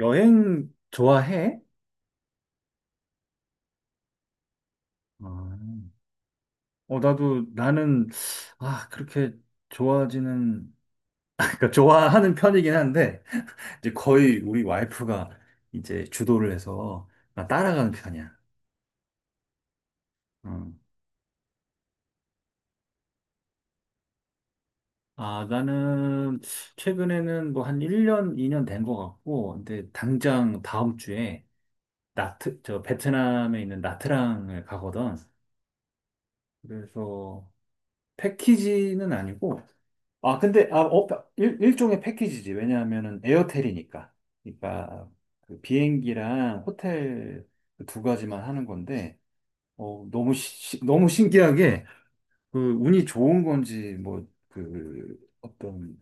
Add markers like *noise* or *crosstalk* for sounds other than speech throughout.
여행 좋아해? 아, 어, 나도, 나는, 아, 그렇게 좋아하지는, *laughs* 그러니까 좋아하는 편이긴 한데, *laughs* 이제 거의 우리 와이프가 이제 주도를 해서 나 따라가는 편이야. 음. 아, 나는 최근에는 뭐 한 1년, 2년 된 것 같고, 근데 당장 다음 주에 저 베트남에 있는 나트랑을 가거든. 그래서 패키지는 아니고, 아, 근데, 아, 어, 일종의 패키지지. 왜냐하면은 에어텔이니까. 그러니까 그 비행기랑 호텔 그두 가지만 하는 건데, 어, 너무, 너무 신기하게, 그, 운이 좋은 건지, 뭐, 그, 어떤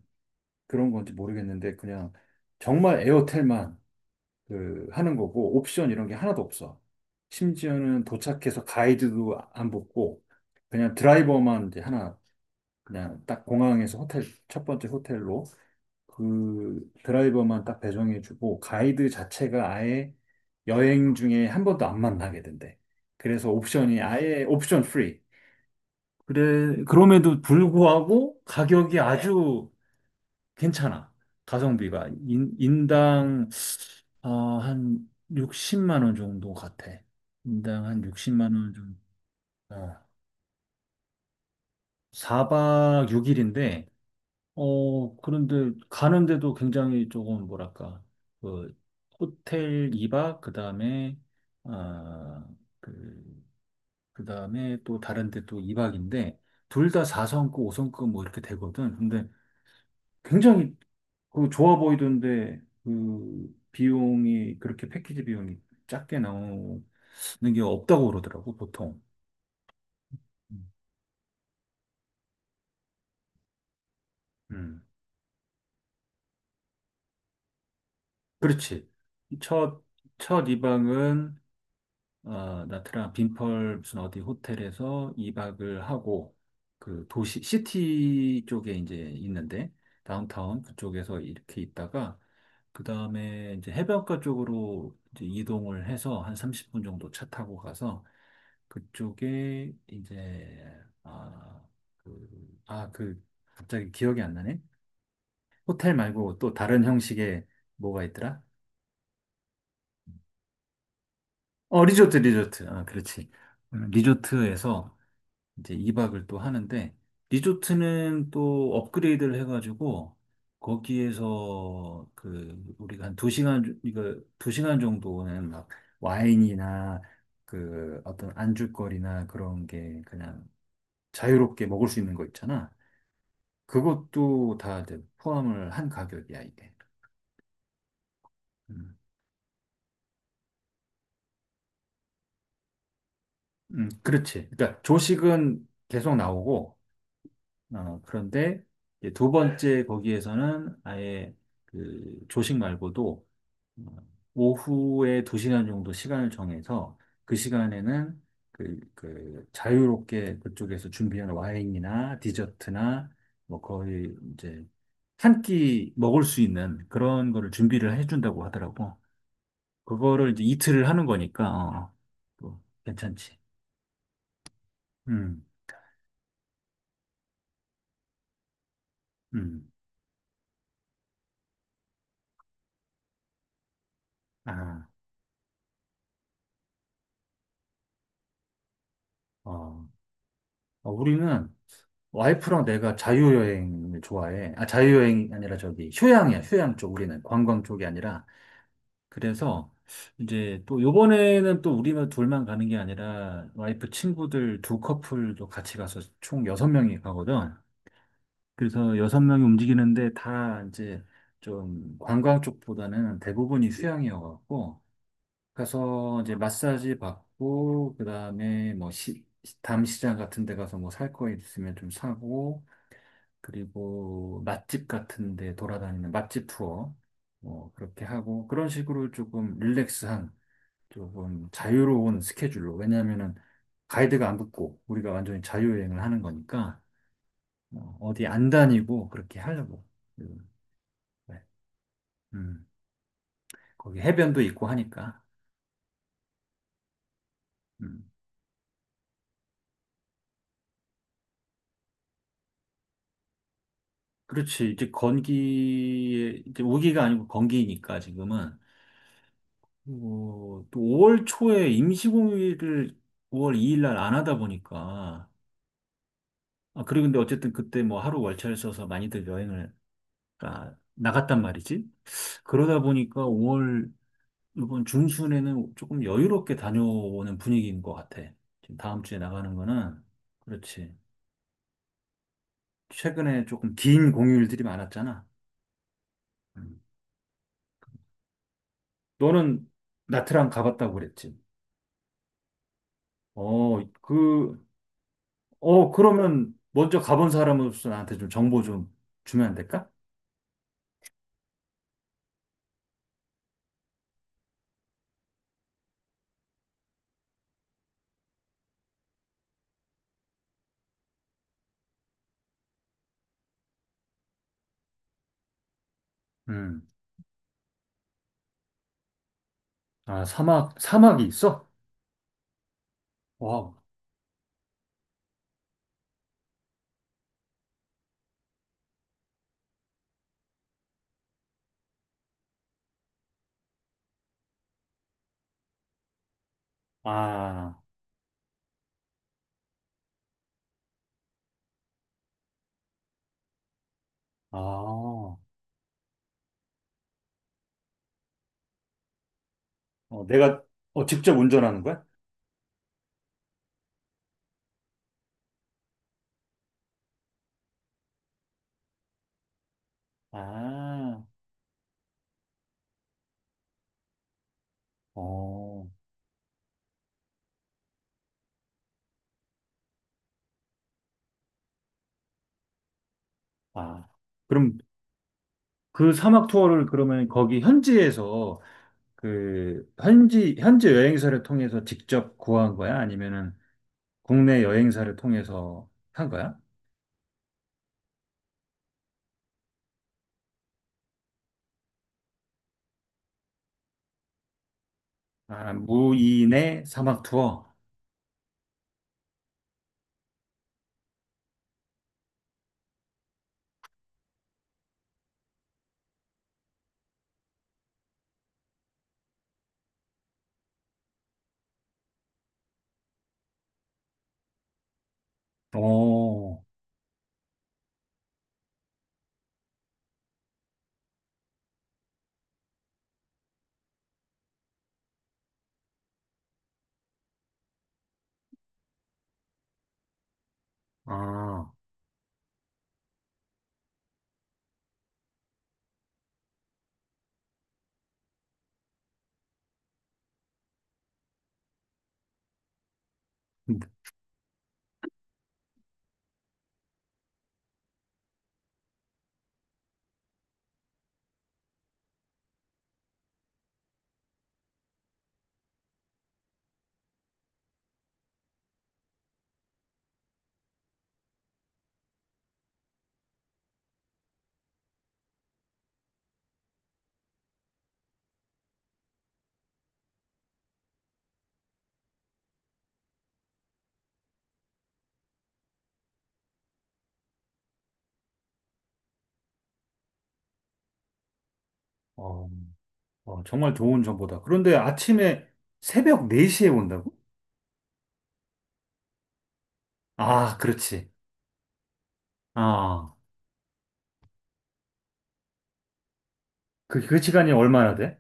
그런 건지 모르겠는데, 그냥 정말 에어텔만 그, 하는 거고, 옵션 이런 게 하나도 없어. 심지어는 도착해서 가이드도 안 붙고, 그냥 드라이버만 이제 하나 그냥 딱 공항에서 호텔, 첫 번째 호텔로 그 드라이버만 딱 배정해주고 가이드 자체가 아예 여행 중에 한 번도 안 만나게 된대. 그래서 옵션이 아예 옵션 프리. 그래, 그럼에도 불구하고 가격이 아주 괜찮아. 가성비가 인당 어, 한 60만 원 정도 같아. 인당 한 60만 원 정도. 어. 4박 6일인데 어, 그런데 가는데도 굉장히 조금 뭐랄까, 그 호텔 2박, 그다음에 아, 그 그다음에 또 다른 데또 2박인데 둘 다 4성급, 5성급 뭐 이렇게 되거든. 근데 굉장히 그 좋아 보이던데 그 비용이 그렇게 패키지 비용이 작게 나오는 게 없다고 그러더라고, 보통. 음. 음. 그렇지. 첫, 첫 2박은 어, 나트랑 빈펄 무슨 어디 호텔에서 2박을 하고 그 도시 시티 쪽에 이제 있는데 다운타운 그쪽에서 이렇게 있다가 그 다음에 이제 해변가 쪽으로 이제 이동을 해서 한 30분 정도 차 타고 가서 그쪽에 이제 아, 그, 아, 그 갑자기 기억이 안 나네. 호텔 말고 또 다른 형식의 뭐가 있더라? 어, 리조트, 리조트. 아, 그렇지. 리조트에서 이제 2박을 또 하는데 리조트는 또 업그레이드를 해가지고 거기에서 그 우리가 한 2시간 이거 두 시간 정도는 막 와인이나 그 어떤 안주거리나 그런 게 그냥 자유롭게 먹을 수 있는 거 있잖아. 그것도 다 이제 포함을 한 가격이야, 이게. 음, 그렇지. 그러니까 조식은 계속 나오고 어, 그런데 이제 두 번째 거기에서는 아예 그 조식 말고도 오후에 두시간 정도 시간을 정해서 그 시간에는 그, 그 자유롭게 그쪽에서 준비한 와인이나 디저트나 뭐 거의 이제 한 끼 먹을 수 있는 그런 거를 준비를 해준다고 하더라고. 그거를 이제 이틀을 하는 거니까 어, 또 괜찮지. 음, 음. 아, 어. 어, 우리는 와이프랑 내가 자유여행을 좋아해. 아, 자유여행이 아니라 저기 휴양이야, 휴양 쪽. 우리는 관광 쪽이 아니라 그래서 이제 또 요번에는 또 우리만 둘만 가는 게 아니라 와이프 친구들 두 커플도 같이 가서 총 여섯 명이 가거든. 그래서 여섯 명이 움직이는데 다 이제 좀 관광 쪽보다는 대부분이 수영이어갖고 가서 이제 마사지 받고 그다음에 뭐 시, 담시장 같은 데 가서 뭐 살 거 있으면 좀 사고 그리고 맛집 같은 데 돌아다니는 맛집 투어 뭐 그렇게 하고 그런 식으로 조금 릴렉스한 조금 자유로운 스케줄로. 왜냐하면은 가이드가 안 붙고 우리가 완전히 자유여행을 하는 거니까 어, 어디 안 다니고 그렇게 하려고. 음, 네. 음, 거기 해변도 있고 하니까. 음. 그렇지. 이제 건기에, 이제 우기가 아니고 건기니까 지금은. 그리고 또 5월 초에 임시공휴일을 5월 2일 날 안 하다 보니까. 아, 그리고 근데 어쨌든 그때 뭐 하루 월차를 써서 많이들 여행을 아, 나갔단 말이지. 그러다 보니까 5월 이번 중순에는 조금 여유롭게 다녀오는 분위기인 것 같아. 지금 다음 주에 나가는 거는. 그렇지. 최근에 조금 긴 공휴일들이 많았잖아. 음. 너는 나트랑 가봤다고 그랬지. 어, 그, 어, 그러면 먼저 가본 사람으로서 나한테 좀 정보 좀 주면 안 될까? 음. 아, 사막, 사막이 있어? 와. 아, 아. 어, 내가, 어, 직접 운전하는 거야? 아, 어. 아. 그럼 그 사막 투어를 그러면 거기 현지에서 그 현지 현지 여행사를 통해서 직접 구한 거야? 아니면은 국내 여행사를 통해서 한 거야? 아, 무인의 사막 투어. 어, 아, 음, 어, 어, 정말 좋은 정보다. 그런데 아침에 새벽 4시에 온다고? 아, 그렇지. 아, 그, 그 시간이 얼마나 돼?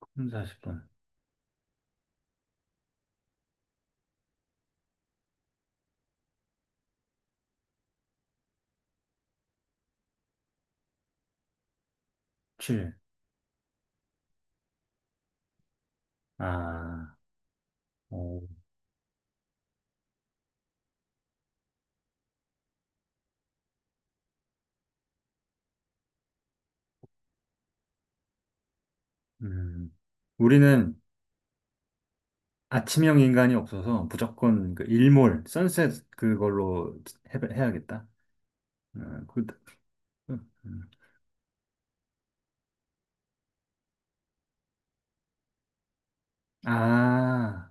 사0분 7. 아, 오. 음. 우리는 아침형 인간이 없어서 무조건 그 일몰, 선셋 그걸로 해야겠다. 어, 그, 음. 아,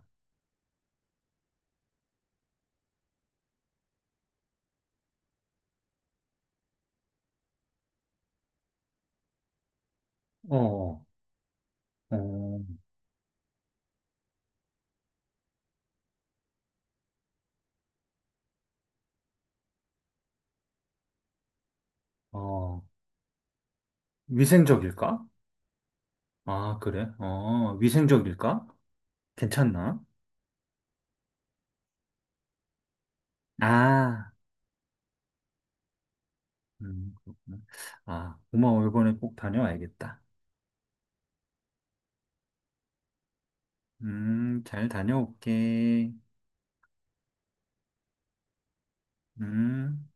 어, 어, 어, 위생적일까? 아, 그래? 어, 위생적일까? 괜찮나? 아, 그렇구나. 아, 고마워. 이번에 꼭 다녀와야겠다. 잘 다녀올게. 음.